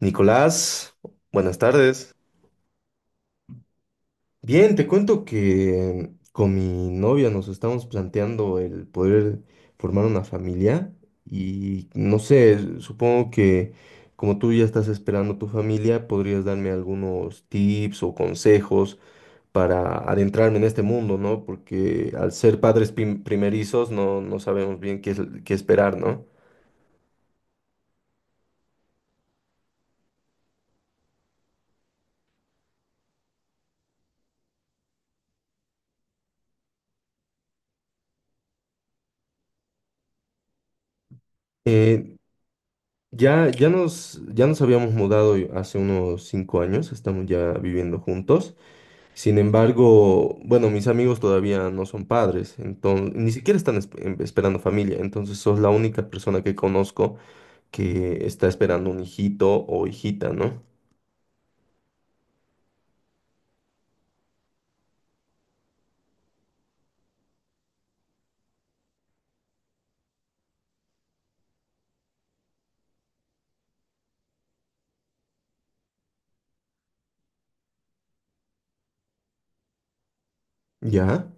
Nicolás, buenas tardes. Bien, te cuento que con mi novia nos estamos planteando el poder formar una familia y no sé, supongo que como tú ya estás esperando tu familia, podrías darme algunos tips o consejos para adentrarme en este mundo, ¿no? Porque al ser padres primerizos no, no sabemos bien qué esperar, ¿no? Eh, Ya, ya nos habíamos mudado hace unos 5 años, estamos ya viviendo juntos. Sin embargo, bueno, mis amigos todavía no son padres, entonces ni siquiera están esperando familia. Entonces sos la única persona que conozco que está esperando un hijito o hijita, ¿no? ¿Ya?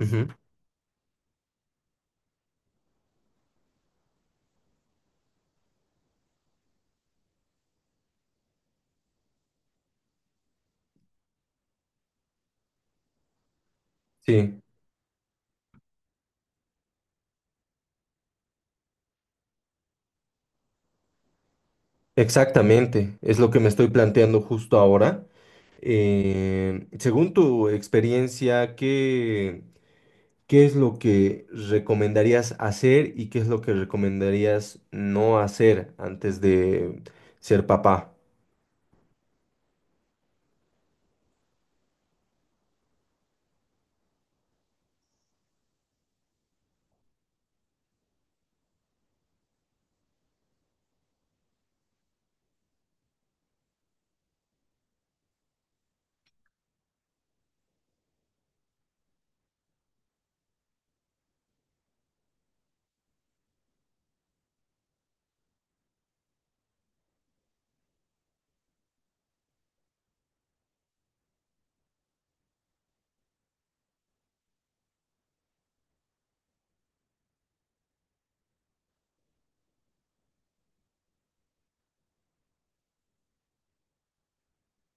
Ujú. Sí, exactamente. Es lo que me estoy planteando justo ahora. Según tu experiencia, ¿qué? ¿Qué es lo que recomendarías hacer y qué es lo que recomendarías no hacer antes de ser papá?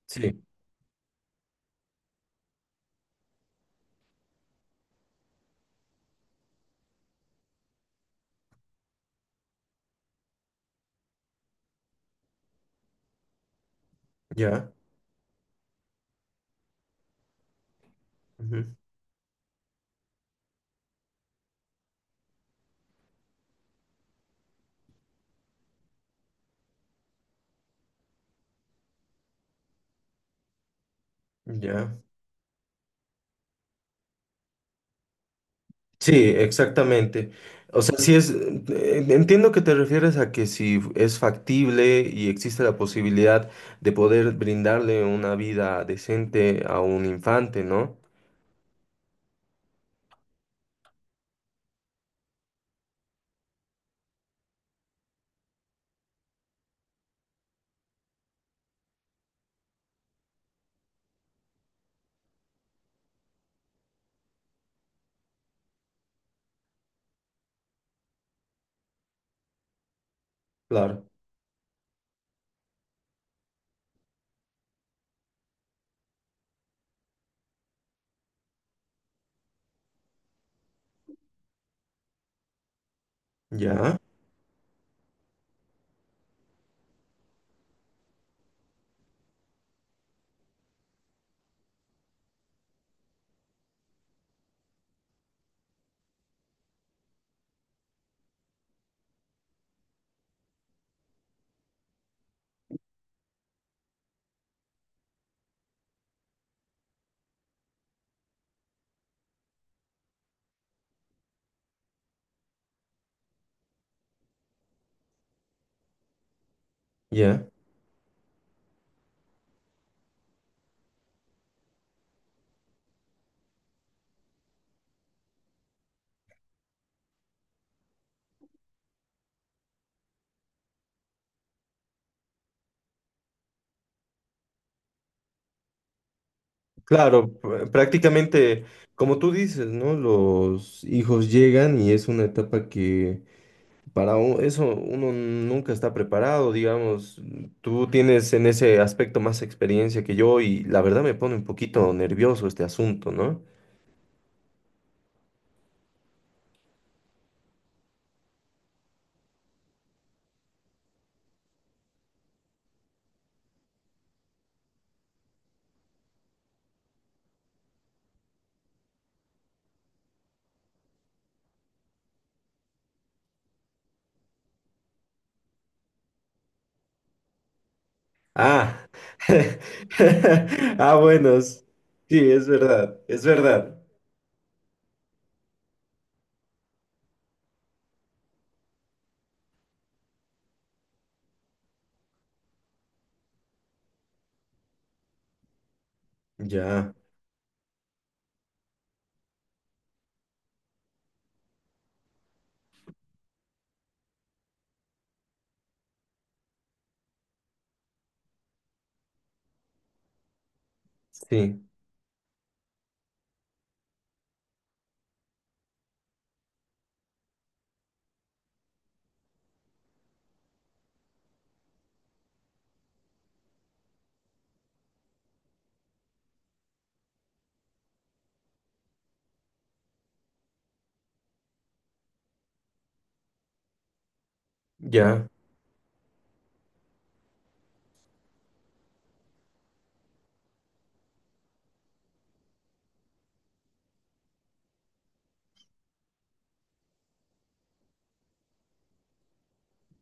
Sí, ya, ujú, ya. Sí, exactamente. O sea, si es, entiendo que te refieres a que si es factible y existe la posibilidad de poder brindarle una vida decente a un infante, ¿no? Claro. Ya, ya. Claro, prácticamente, como tú dices, ¿no? Los hijos llegan y es una etapa que eso uno nunca está preparado, digamos. Tú tienes en ese aspecto más experiencia que yo y la verdad me pone un poquito nervioso este asunto, ¿no? Ah, ah, bueno, sí, es verdad, es verdad. Ya, sí, ya,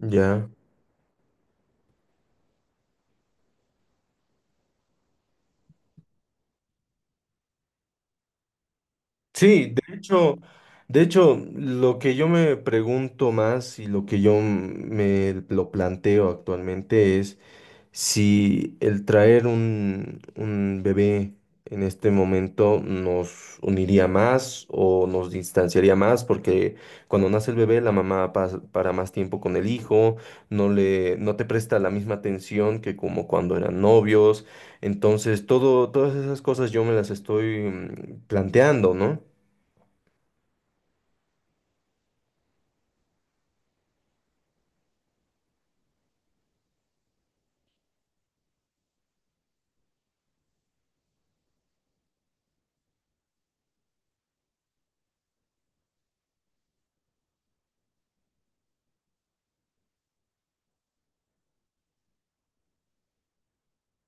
ya. Sí, de hecho, lo que yo me pregunto más y lo que yo me lo planteo actualmente es si el traer un bebé en este momento nos uniría más o nos distanciaría más, porque cuando nace el bebé la mamá para más tiempo con el hijo, no te presta la misma atención que como cuando eran novios. Entonces, todas esas cosas yo me las estoy planteando, ¿no?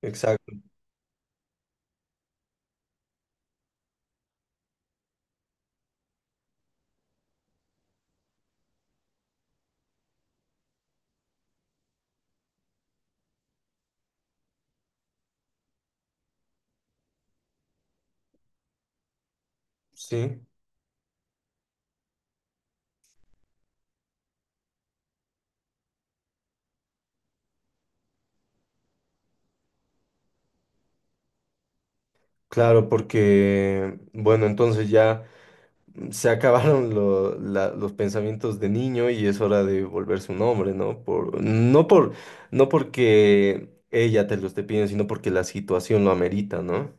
Exacto, sí, claro, porque, bueno, entonces ya se acabaron los pensamientos de niño y es hora de volverse un hombre, ¿no? No porque ella te lo esté pidiendo, sino porque la situación lo amerita, ¿no?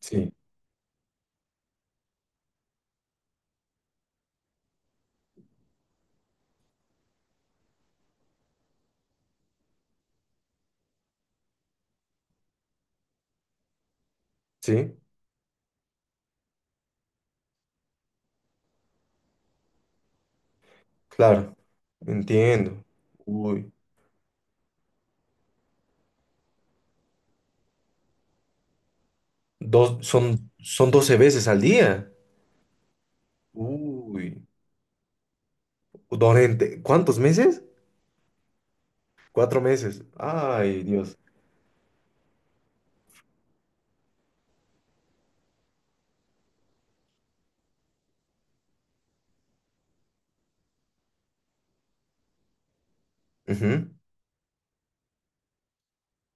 Sí, sí, claro, entiendo. Uy, dos, son 12 veces al día. Uy, durante, ¿cuántos meses? 4 meses. Ay, Dios. Ujú.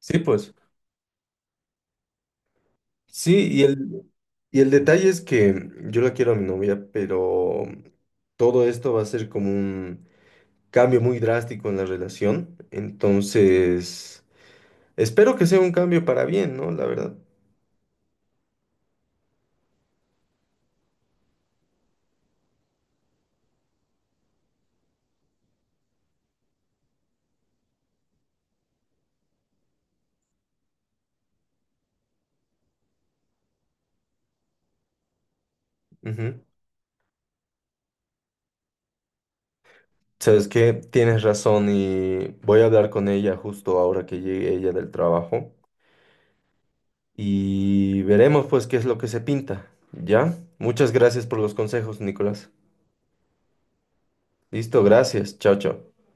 Sí, pues. Sí, y el detalle es que yo la quiero a mi novia, pero todo esto va a ser como un cambio muy drástico en la relación. Entonces, espero que sea un cambio para bien, ¿no? La verdad. Ujú. Sabes que tienes razón y voy a hablar con ella justo ahora que llegue ella del trabajo y veremos pues qué es lo que se pinta, ¿ya? Muchas gracias por los consejos, Nicolás. Listo, gracias. Chao, chao.